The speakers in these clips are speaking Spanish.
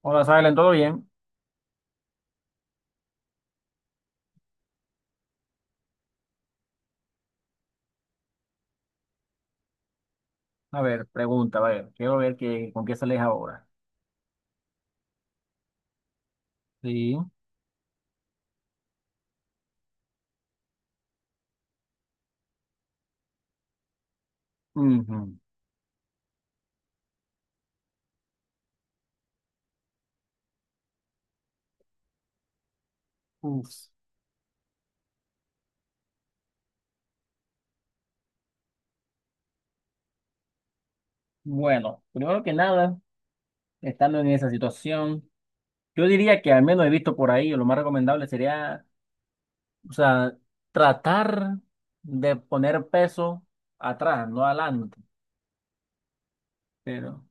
Hola, Silent, ¿todo bien? A ver, pregunta, a ver, quiero ver qué, con qué sales ahora. Sí. Ujú. Uf. Bueno, primero que nada, estando en esa situación, yo diría que al menos he visto por ahí, o lo más recomendable sería, o sea, tratar de poner peso atrás, no adelante. Pero,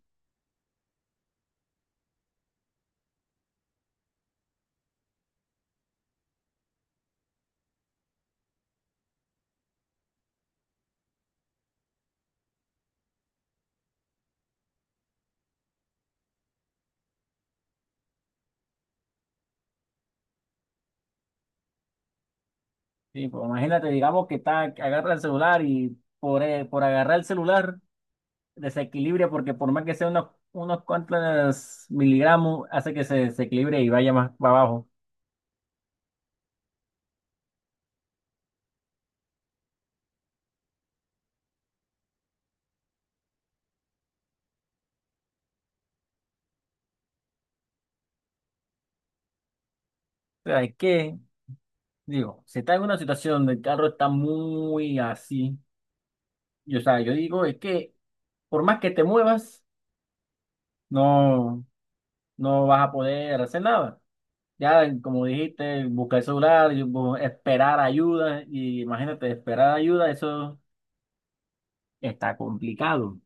sí, pues imagínate, digamos que está, agarra el celular y por agarrar el celular. Desequilibrio, porque por más que sea unos, unos cuantos miligramos, hace que se desequilibre y vaya más para abajo. O sea, es que, digo, si está en una situación donde el carro está muy así, y, o sea, yo digo, es que por más que te muevas, no, no vas a poder hacer nada. Ya, como dijiste, buscar el celular, y esperar ayuda, y imagínate, esperar ayuda, eso está complicado.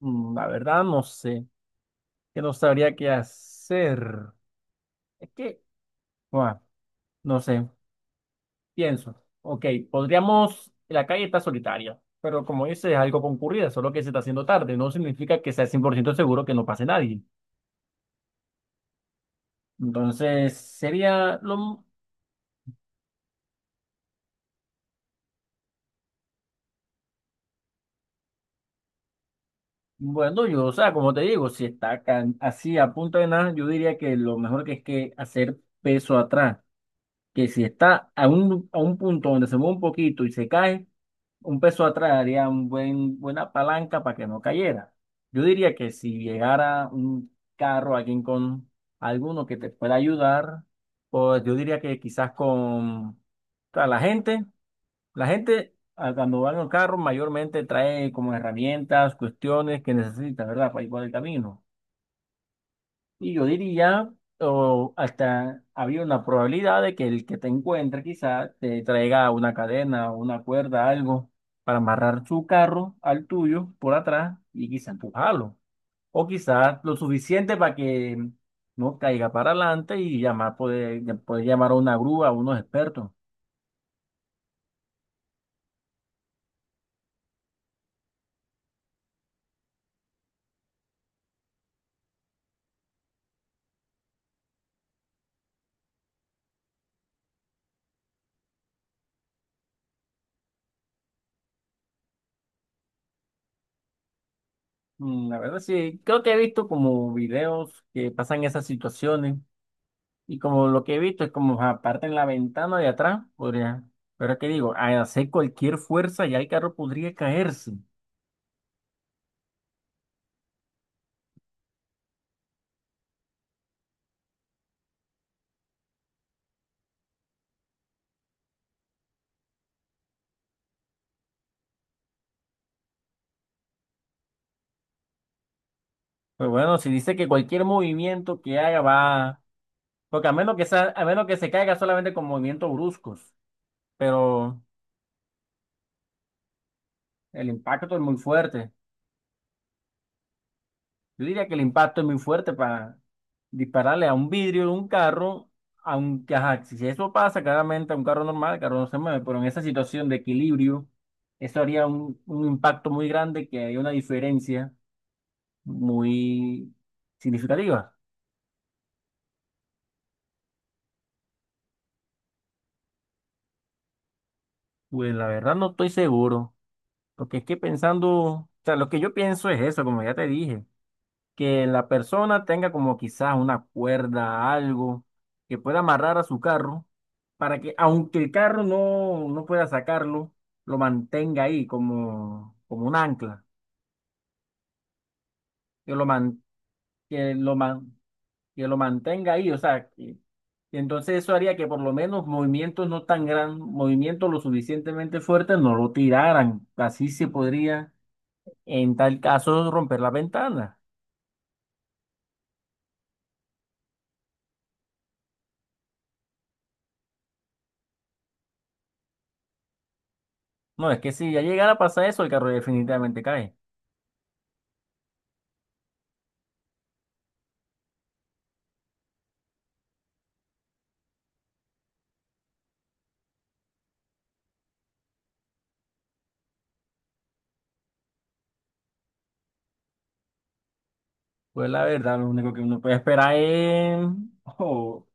Mm, la verdad, no sé, que no sabría qué hacer. Es que, guau. No sé, pienso. Ok, podríamos. La calle está solitaria, pero como dices, es algo concurrida, solo que se está haciendo tarde. No significa que sea 100% seguro que no pase nadie. Entonces, sería lo. Bueno, yo, o sea, como te digo, si está acá, así a punto de nada, yo diría que lo mejor que es que hacer peso atrás. Que si está a un punto donde se mueve un poquito y se cae, un peso atrás haría un buen, buena palanca para que no cayera. Yo diría que si llegara un carro, alguien con alguno que te pueda ayudar, pues yo diría que quizás con o sea, la gente cuando va en el carro mayormente trae como herramientas, cuestiones que necesita, ¿verdad? Para ir por el camino. Y yo diría, o hasta había una probabilidad de que el que te encuentre quizá te traiga una cadena o una cuerda, algo, para amarrar su carro al tuyo por atrás y quizá empujarlo. O quizá lo suficiente para que no caiga para adelante y llamar, poder, poder llamar a una grúa, a unos expertos. Mm, la verdad sí, creo que he visto como videos que pasan esas situaciones. Y como lo que he visto es como aparte en la ventana de atrás, podría. Pero es que digo, al hacer cualquier fuerza ya el carro podría caerse. Pues bueno, si dice que cualquier movimiento que haga va. Porque a menos que sea, a menos que se caiga solamente con movimientos bruscos. Pero el impacto es muy fuerte. Yo diría que el impacto es muy fuerte para dispararle a un vidrio de un carro, aunque ajá, si eso pasa claramente a un carro normal, el carro no se mueve, pero en esa situación de equilibrio, eso haría un impacto muy grande que hay una diferencia muy significativa. Pues la verdad no estoy seguro, porque es que pensando, o sea, lo que yo pienso es eso, como ya te dije. Que la persona tenga como quizás una cuerda, algo que pueda amarrar a su carro para que aunque el carro no, no pueda sacarlo, lo mantenga ahí como, como un ancla, que lo, man- que lo, man- que lo mantenga ahí, o sea, que entonces eso haría que por lo menos movimientos no tan gran, movimientos lo suficientemente fuertes no lo tiraran, así se podría en tal caso romper la ventana. No, es que si ya llegara a pasar eso, el carro definitivamente cae. Pues la verdad, lo único que uno puede esperar es, oh,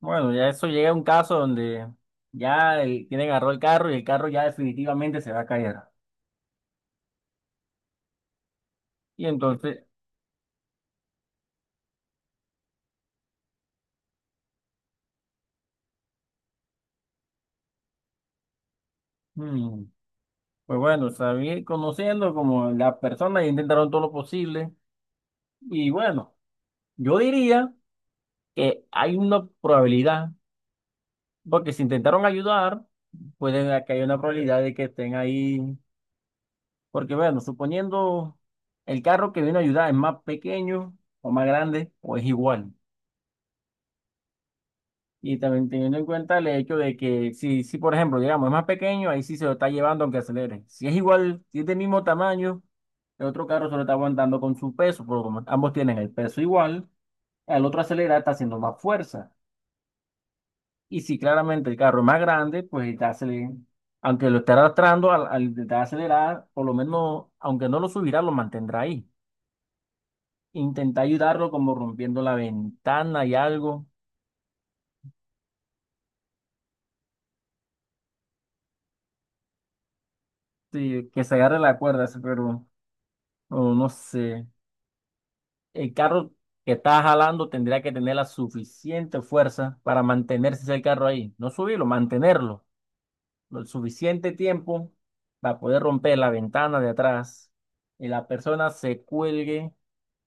bueno, ya eso llega a un caso donde ya el, quien agarró el carro y el carro ya definitivamente se va a caer. Y entonces, mm, pues bueno, sabía, conociendo como las personas intentaron todo lo posible. Y bueno, yo diría que hay una probabilidad, porque si intentaron ayudar, puede que haya una probabilidad de que estén ahí. Porque bueno, suponiendo el carro que vino a ayudar es más pequeño o más grande o es igual. Y también teniendo en cuenta el hecho de que si, si por ejemplo, digamos, es más pequeño, ahí sí se lo está llevando aunque acelere. Si es igual, si es del mismo tamaño, el otro carro se lo está aguantando con su peso, porque como ambos tienen el peso igual, el otro acelera, está haciendo más fuerza. Y si claramente el carro es más grande, pues está acelerando. Aunque lo esté arrastrando, al, al intentar acelerar, por lo menos, aunque no lo subirá, lo mantendrá ahí. Intenta ayudarlo como rompiendo la ventana y algo, sí, que se agarre la cuerda, sí, pero no sé. El carro que está jalando tendría que tener la suficiente fuerza para mantenerse el carro ahí. No subirlo, mantenerlo. Lo suficiente tiempo para poder romper la ventana de atrás y la persona se cuelgue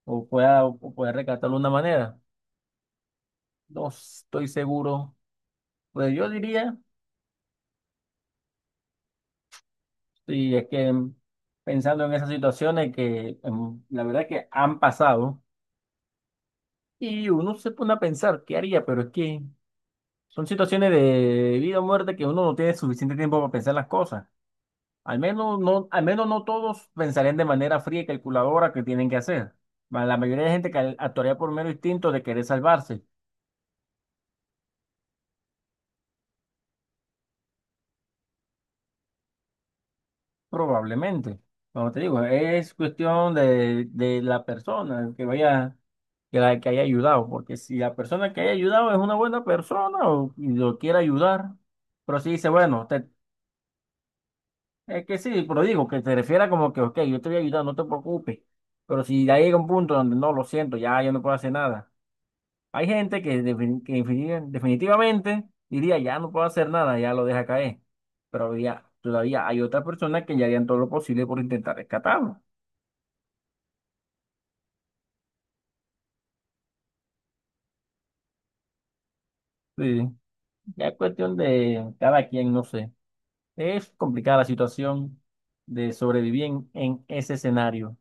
o pueda rescatarlo de una manera. No estoy seguro. Pues yo diría, si es que pensando en esas situaciones que la verdad que han pasado y uno se pone a pensar, ¿qué haría? Pero es que... Son situaciones de vida o muerte que uno no tiene suficiente tiempo para pensar las cosas. Al menos no todos pensarían de manera fría y calculadora que tienen que hacer. La mayoría de gente actuaría por mero instinto de querer salvarse, probablemente. Como te digo, es cuestión de la persona que vaya, que, la, que haya ayudado, porque si la persona que haya ayudado es una buena persona o, y lo quiere ayudar, pero si dice, bueno, te, es que sí, pero digo, que te refiera como que, ok, yo te voy a ayudar, no te preocupes. Pero si ya llega un punto donde no, lo siento, ya yo no puedo hacer nada. Hay gente que, definitivamente diría, ya no puedo hacer nada, ya lo deja caer. Pero todavía hay otras personas que ya harían todo lo posible por intentar rescatarlo. Sí, ya es cuestión de cada quien, no sé. Es complicada la situación de sobrevivir en ese escenario.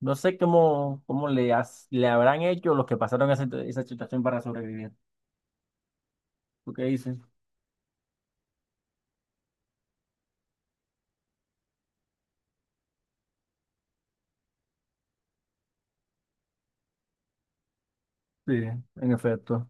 No sé cómo, cómo le, le habrán hecho los que pasaron esa esa situación para sobrevivir. ¿Tú qué dices? Sí, en efecto.